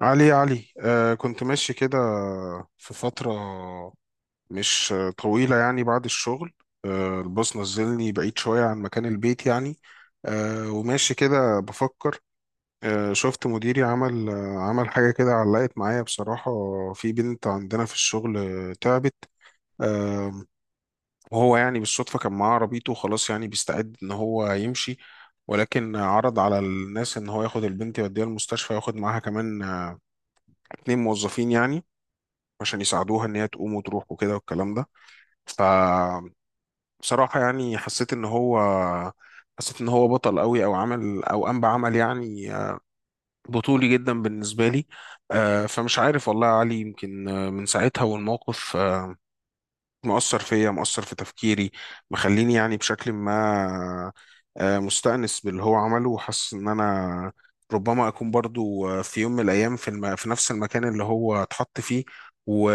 علي، علي، كنت ماشي كده في فترة مش طويلة، يعني بعد الشغل. الباص نزلني بعيد شوية عن مكان البيت، يعني. وماشي كده بفكر. شفت مديري عمل حاجة كده، علقت معايا بصراحة. في بنت عندنا في الشغل، تعبت. آه وهو يعني بالصدفة كان معاه عربيته، وخلاص يعني بيستعد إن هو يمشي. ولكن عرض على الناس إن هو ياخد البنت يوديها المستشفى، ياخد معاها كمان اتنين موظفين، يعني، عشان يساعدوها ان هي تقوم وتروح وكده والكلام ده. ف بصراحة يعني، حسيت ان هو بطل قوي، او عمل، او قام بعمل، يعني، بطولي جدا بالنسبة لي. فمش عارف والله يا علي، يمكن، من ساعتها، والموقف مؤثر فيا، مؤثر في تفكيري، مخليني يعني بشكل ما مستأنس باللي هو عمله، وحاسس ان انا ربما اكون برضو، في يوم من الايام، في نفس المكان اللي هو اتحط فيه، و...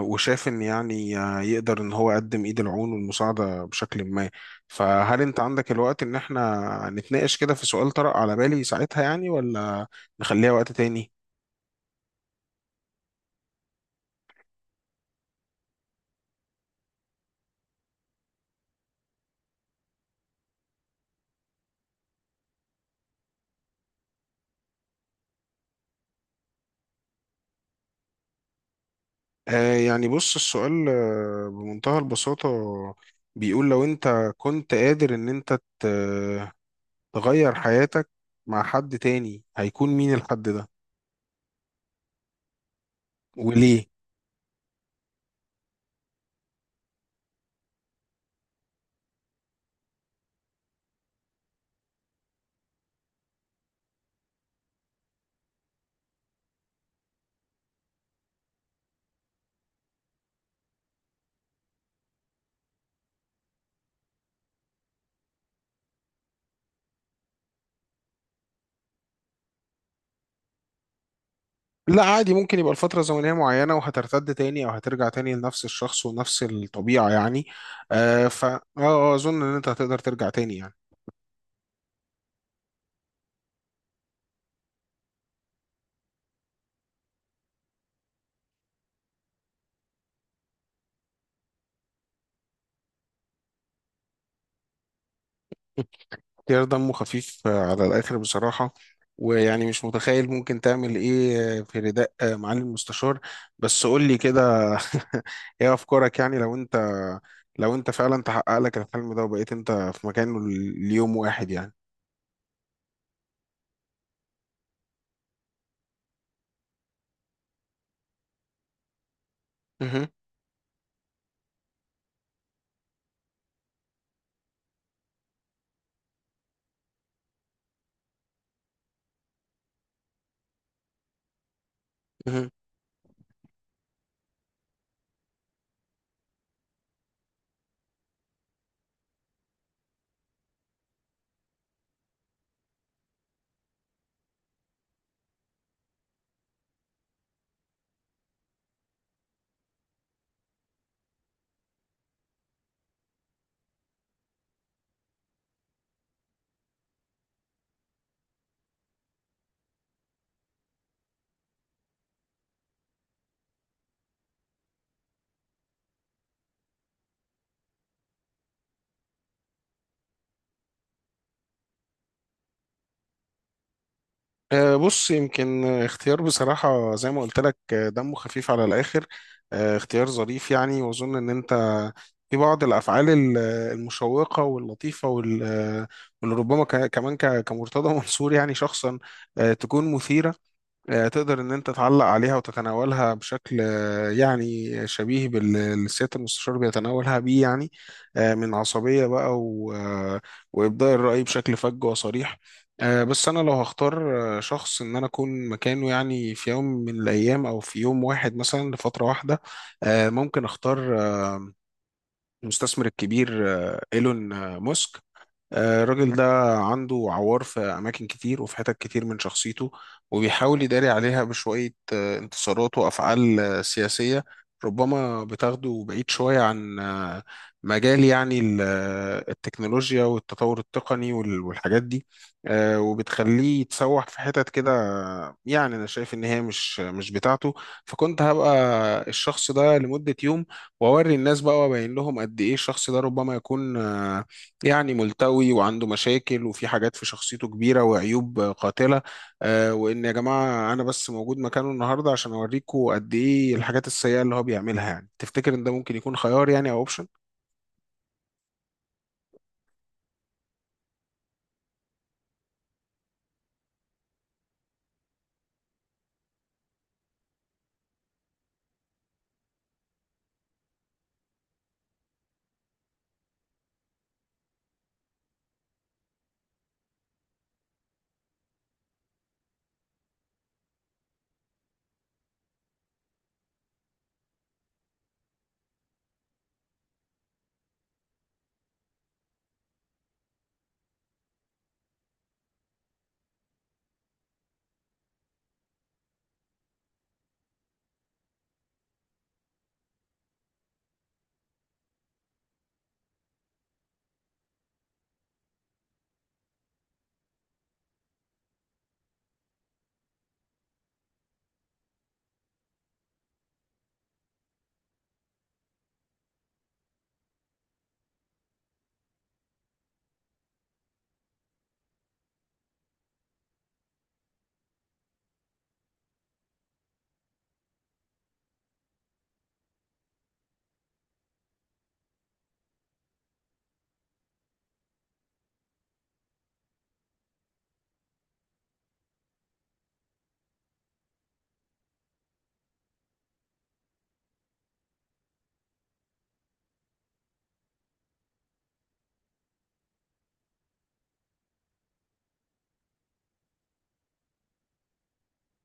وشاف ان يعني يقدر ان هو يقدم ايد العون والمساعدة بشكل ما. فهل انت عندك الوقت ان احنا نتناقش كده في سؤال طرأ على بالي ساعتها، يعني، ولا نخليها وقت تاني؟ يعني بص، السؤال بمنتهى البساطة، بيقول لو انت كنت قادر ان انت ت- تغير حياتك مع حد تاني، هيكون مين الحد ده وليه؟ لا، عادي، ممكن يبقى لفترة زمنية معينة وهترتد تاني او هترجع تاني لنفس الشخص ونفس الطبيعة، يعني. آه، ف اه آه، اظن ان انت هتقدر ترجع تاني، يعني. اختيار دمه خفيف على الآخر، بصراحة. ويعني مش متخيل ممكن تعمل إيه في رداء معالي المستشار. بس قول لي كده. إيه أفكارك، يعني، لو أنت فعلا تحقق لك الحلم ده وبقيت أنت في مكانه ليوم واحد، يعني. مهم. مهم. بص، يمكن اختيار بصراحة زي ما قلت لك دمه خفيف على الآخر. اختيار ظريف، يعني، وأظن إن أنت في بعض الأفعال المشوقة واللطيفة واللي ربما كمان كمرتضى منصور، يعني، شخصا تكون مثيرة، تقدر ان انت تعلق عليها وتتناولها بشكل يعني شبيه بالسيادة المستشار بيتناولها بيه، يعني من عصبية بقى، وإبداء الرأي بشكل فج وصريح. بس أنا لو هختار شخص إن أنا أكون مكانه، يعني في يوم من الأيام، أو في يوم واحد مثلا لفترة واحدة، ممكن أختار المستثمر الكبير إيلون ماسك. الراجل ده عنده عوار في أماكن كتير، وفي حتت كتير من شخصيته، وبيحاول يداري عليها بشوية انتصارات وأفعال سياسية، ربما بتاخده بعيد شوية عن مجال يعني التكنولوجيا والتطور التقني والحاجات دي. وبتخليه يتسوح في حتت كده. يعني أنا شايف إن هي مش بتاعته، فكنت هبقى الشخص ده لمدة يوم، وأوري الناس بقى وأبين لهم قد إيه الشخص ده ربما يكون يعني ملتوي وعنده مشاكل وفي حاجات في شخصيته كبيرة وعيوب قاتلة، وإن يا جماعة أنا بس موجود مكانه النهاردة عشان أوريكم قد إيه الحاجات السيئة اللي هو بيعملها، يعني. تفتكر إن ده ممكن يكون خيار، يعني، أو أوبشن؟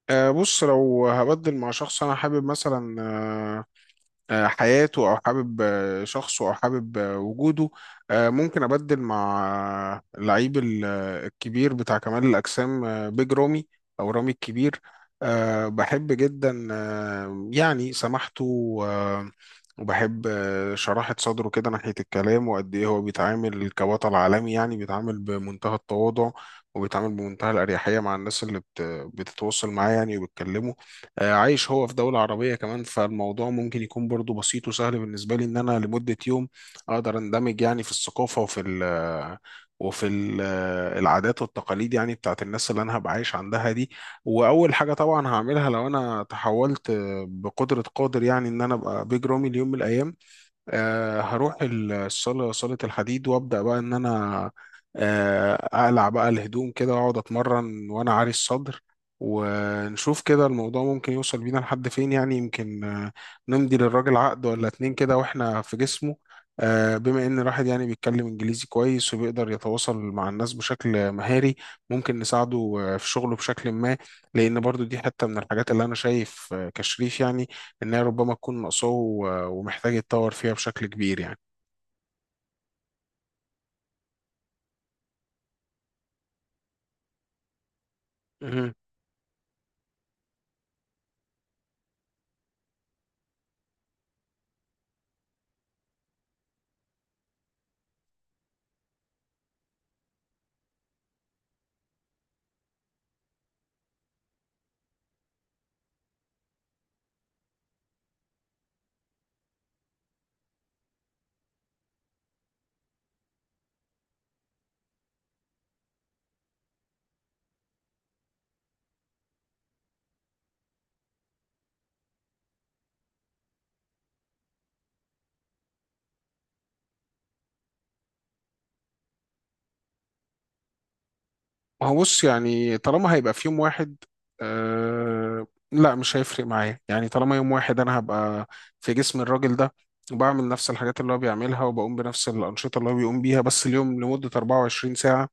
بص، لو هبدل مع شخص أنا حابب مثلا حياته، او حابب شخصه، او حابب وجوده، ممكن ابدل مع اللعيب الكبير بتاع كمال الاجسام، بيج رامي، او رامي الكبير. بحب جدا يعني سماحته، وبحب شراحة صدره كده ناحية الكلام، وقد ايه هو بيتعامل كبطل عالمي، يعني بيتعامل بمنتهى التواضع، وبيتعامل بمنتهى الأريحية مع الناس اللي بتتواصل معاه، يعني، وبتكلمه. عايش هو في دولة عربية كمان، فالموضوع ممكن يكون برضو بسيط وسهل بالنسبة لي إن أنا لمدة يوم أقدر أندمج يعني في الثقافة، وفي ال آه، وفي العادات والتقاليد يعني بتاعت الناس اللي أنا هبقى عايش عندها دي. وأول حاجة طبعا هعملها لو أنا تحولت بقدرة قادر يعني إن أنا أبقى بيج رامي ليوم من الأيام، هروح الصالة، صالة الحديد، وأبدأ بقى إن أنا أقلع بقى الهدوم كده وأقعد أتمرن وأنا عاري الصدر، ونشوف كده الموضوع ممكن يوصل بينا لحد فين، يعني يمكن نمضي للراجل عقد ولا اتنين كده وإحنا في جسمه. بما إن الواحد يعني بيتكلم إنجليزي كويس وبيقدر يتواصل مع الناس بشكل مهاري، ممكن نساعده في شغله بشكل ما، لأن برضو دي حتة من الحاجات اللي أنا شايف كشريف يعني ان هي ربما تكون ناقصاه، ومحتاج يتطور فيها بشكل كبير، يعني. مهم. ما هو بص، يعني، طالما هيبقى في يوم واحد، آه لا، مش هيفرق معايا، يعني، طالما يوم واحد انا هبقى في جسم الراجل ده، وبعمل نفس الحاجات اللي هو بيعملها، وبقوم بنفس الأنشطة اللي هو بيقوم بيها، بس اليوم لمدة 24 ساعة.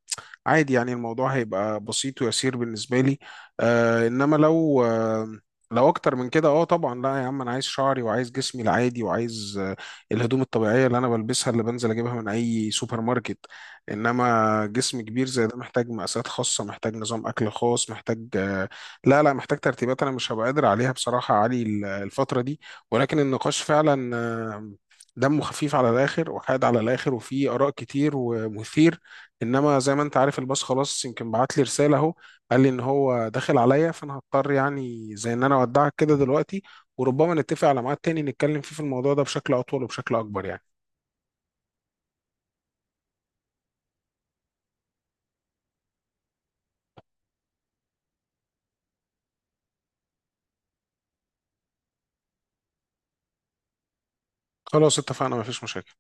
عادي يعني، الموضوع هيبقى بسيط ويسير بالنسبة لي. إنما لو لو أكتر من كده، طبعا لا يا عم، أنا عايز شعري، وعايز جسمي العادي، وعايز الهدوم الطبيعية اللي أنا بلبسها، اللي بنزل أجيبها من أي سوبر ماركت. إنما جسم كبير زي ده محتاج مقاسات خاصة، محتاج نظام أكل خاص، محتاج لا لا، محتاج ترتيبات، أنا مش هبقى قادر عليها بصراحة يا علي الفترة دي. ولكن النقاش فعلا دمه خفيف على الآخر، وحاد على الآخر، وفيه آراء كتير، ومثير. انما زي ما انت عارف، الباص خلاص يمكن بعت لي رساله اهو، قال لي ان هو داخل عليا، فانا هضطر يعني زي ان انا اودعك كده دلوقتي، وربما نتفق على ميعاد تاني نتكلم فيه في الموضوع ده بشكل اطول وبشكل اكبر، يعني. خلاص، اتفقنا، مفيش مشاكل.